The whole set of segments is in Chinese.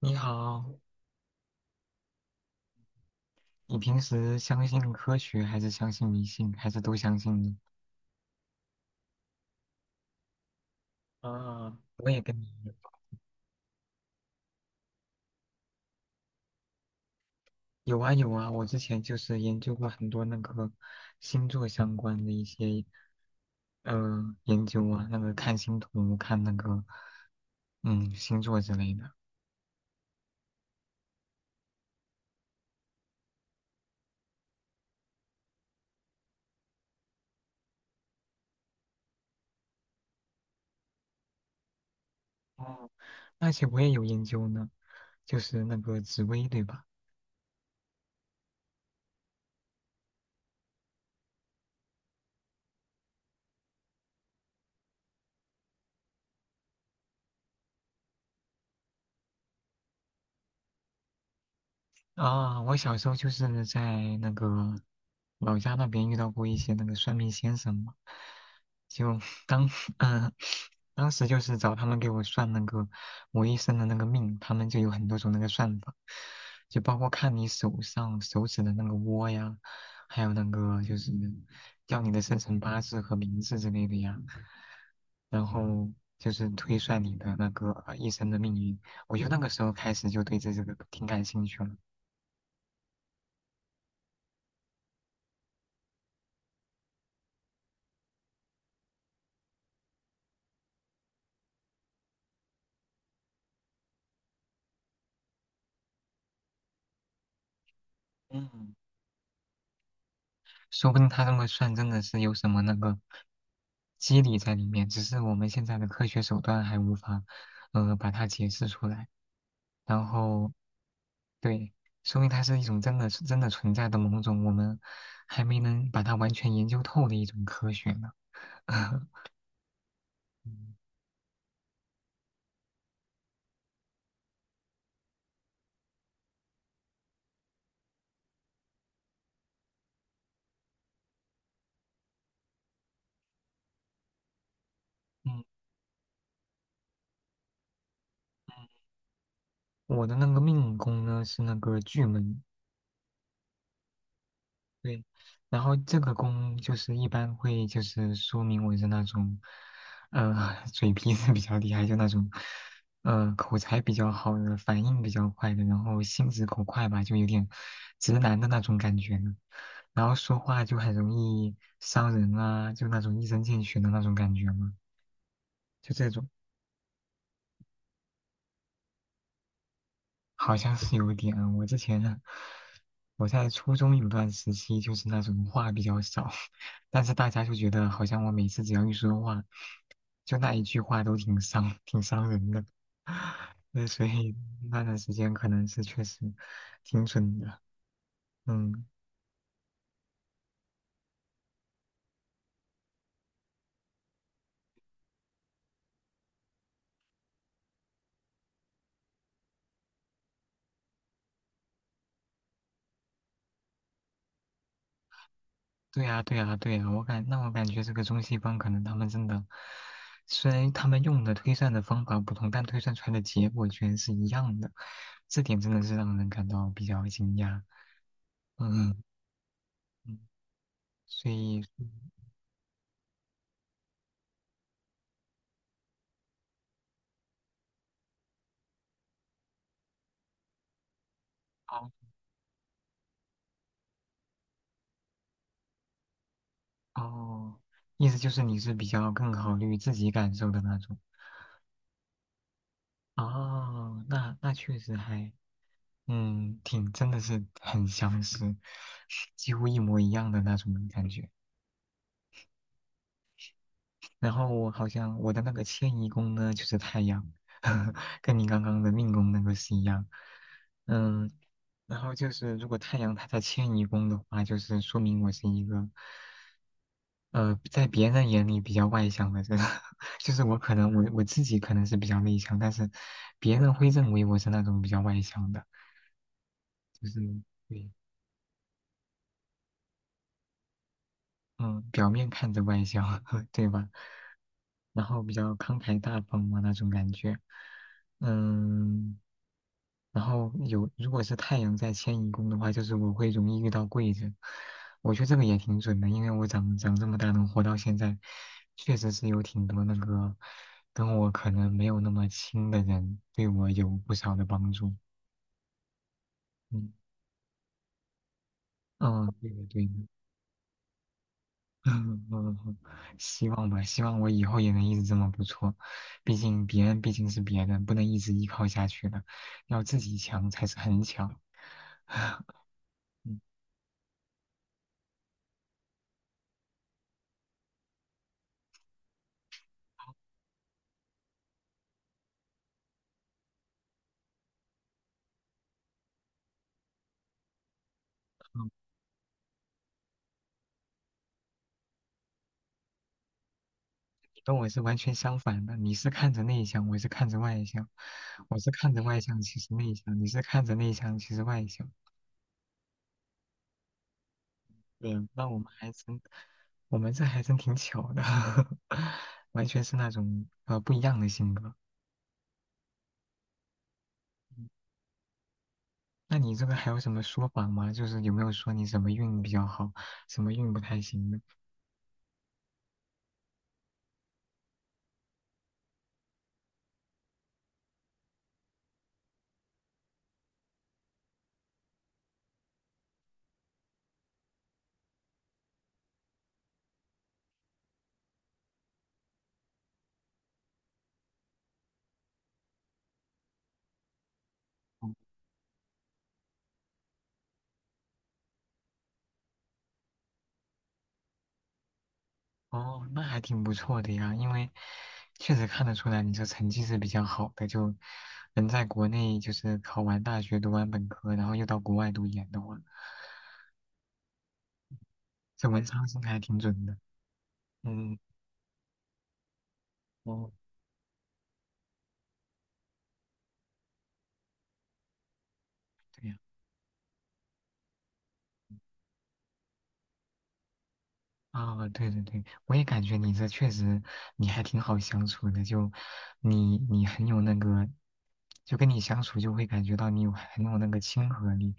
你好，你平时相信科学还是相信迷信，还是都相信呢？啊，我也跟你一样。有啊有啊，我之前就是研究过很多那个星座相关的一些研究啊，那个看星图、看那个星座之类的。哦，而且我也有研究呢，就是那个紫薇对吧？啊，我小时候就是在那个老家那边遇到过一些那个算命先生嘛，就当 嗯、当时就是找他们给我算那个我一生的那个命，他们就有很多种那个算法，就包括看你手上手指的那个窝呀，还有那个就是要你的生辰八字和名字之类的呀，然后就是推算你的那个一生的命运。我就那个时候开始就对这个挺感兴趣了。嗯。说不定他这么算真的是有什么那个机理在里面，只是我们现在的科学手段还无法，把它解释出来。然后，对，说明它是一种真的是真的存在的某种我们还没能把它完全研究透的一种科学呢。嗯嗯，我的那个命宫呢是那个巨门，对，然后这个弓就是一般会就是说明我是那种，呃，嘴皮子比较厉害，就那种，口才比较好的，反应比较快的，然后心直口快吧，就有点直男的那种感觉呢。然后说话就很容易伤人啊，就那种一针见血的那种感觉嘛，就这种。好像是有点。我之前我在初中有段时期就是那种话比较少，但是大家就觉得好像我每次只要一说话，就那一句话都挺伤人的。那所以那段时间可能是确实挺准的。嗯，对呀，对呀，对呀，我感觉这个中西方可能他们真的，虽然他们用的推算的方法不同，但推算出来的结果居然是一样的，这点真的是让人感到比较惊讶。嗯，嗯所以哦哦，意思就是你是比较更考虑自己感受的那种。哦，那那确实还，嗯，挺真的是很相似，几乎一模一样的那种感觉。然后我好像我的那个迁移宫呢，就是太阳，跟你刚刚的命宫那个是一样。嗯，然后就是如果太阳它在迁移宫的话，就是说明我是一个。在别人眼里比较外向的人，就是我自己可能是比较内向，但是别人会认为我是那种比较外向的，就是对嗯，表面看着外向，对吧？然后比较慷慨大方嘛那种感觉，嗯，然后有如果是太阳在迁移宫的话，就是我会容易遇到贵人，我觉得这个也挺准的，因为我长这么大能活到现在，确实是有挺多那个跟我可能没有那么亲的人对我有不少的帮助，嗯嗯，对的对的，嗯嗯嗯，希望吧，希望我以后也能一直这么不错。毕竟别人毕竟是别人，不能一直依靠下去的，要自己强才是很强。嗯，嗯你跟我是完全相反的，你是看着内向，我是看着外向，我是看着外向，其实内向，你是看着内向，其实外向。对那我们还真，我们这还真挺巧的，完全是那种不一样的性格。那你这个还有什么说法吗？就是有没有说你什么运比较好，什么运不太行的？哦，哦那还挺不错的呀，因为确实看得出来你这成绩是比较好的，就能在国内就是考完大学、读完本科，然后又到国外读研的话，这文昌星还挺准的。嗯，哦，对呀。啊，对对对，我也感觉你这确实你还挺好相处的，就你很有那个，就跟你相处就会感觉到你有很有那个亲和力，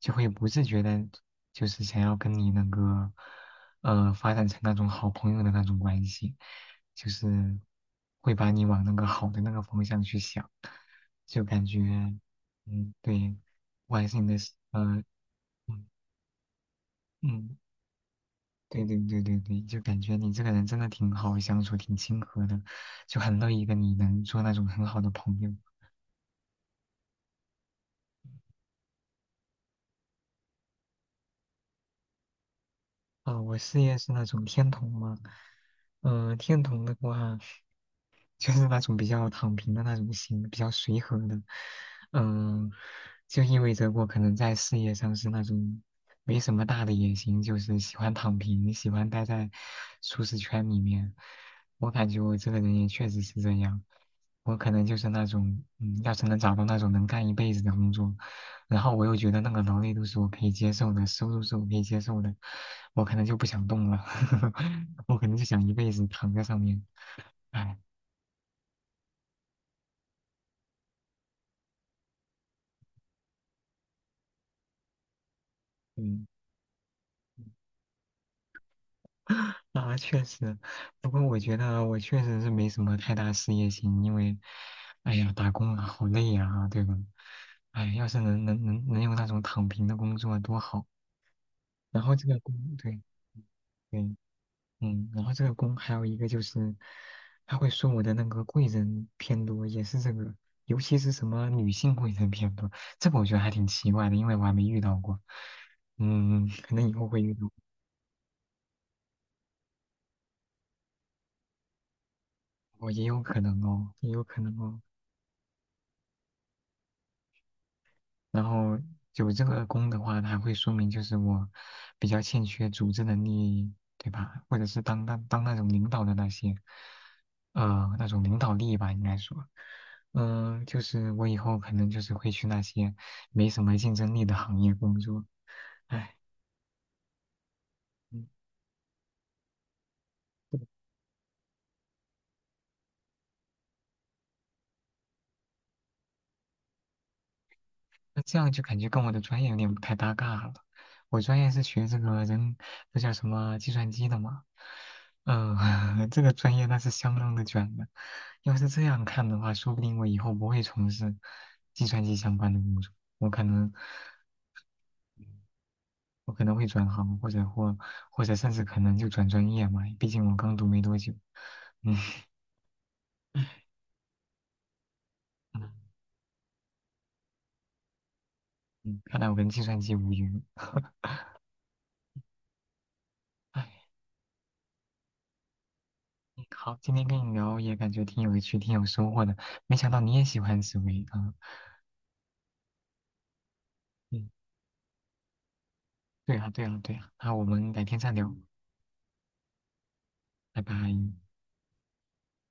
就会不自觉的，就是想要跟你那个发展成那种好朋友的那种关系，就是会把你往那个好的那个方向去想，就感觉嗯，对，我还是你的呃嗯嗯。对对对对对，就感觉你这个人真的挺好相处，挺亲和的，就很乐意跟你能做那种很好的朋友。啊、我事业是那种天童吗？天童的话。就是那种比较躺平的那种心，比较随和的，嗯，就意味着我可能在事业上是那种没什么大的野心，就是喜欢躺平，喜欢待在舒适圈里面。我感觉我这个人也确实是这样，我可能就是那种，嗯，要是能找到那种能干一辈子的工作，然后我又觉得那个劳累都是我可以接受的，收入是我可以接受的，我可能就不想动了，我可能就想一辈子躺在上面，唉。嗯。啊，确实，不过我觉得我确实是没什么太大事业心，因为，哎呀，打工啊，好累呀，对吧？哎，要是能有那种躺平的工作啊多好。然后这个工，对对，嗯，然后这个工还有一个就是，他会说我的那个贵人偏多，也是这个，尤其是什么女性贵人偏多，这个我觉得还挺奇怪的，因为我还没遇到过。嗯，可能以后会遇到。哦，也有可能哦，也有可能哦。然后有这个功的话，它会说明就是我比较欠缺组织能力，对吧？或者是当那种领导的那些，那种领导力吧，应该说，就是我以后可能就是会去那些没什么竞争力的行业工作。唉，嗯那这样就感觉跟我的专业有点不太搭嘎了。我专业是学这个人，那叫什么计算机的嘛。嗯、这个专业那是相当的卷的。要是这样看的话，说不定我以后不会从事计算机相关的工作，我可能我可能会转行，或者甚至可能就转专业嘛。毕竟我刚读没多久。嗯嗯 嗯，看来我跟计算机无缘。唉嗯好，今天跟你聊也感觉挺有趣、挺有收获的，没想到你也喜欢紫薇啊。嗯，对啊，对啊，对啊。那我们改天再聊，拜拜。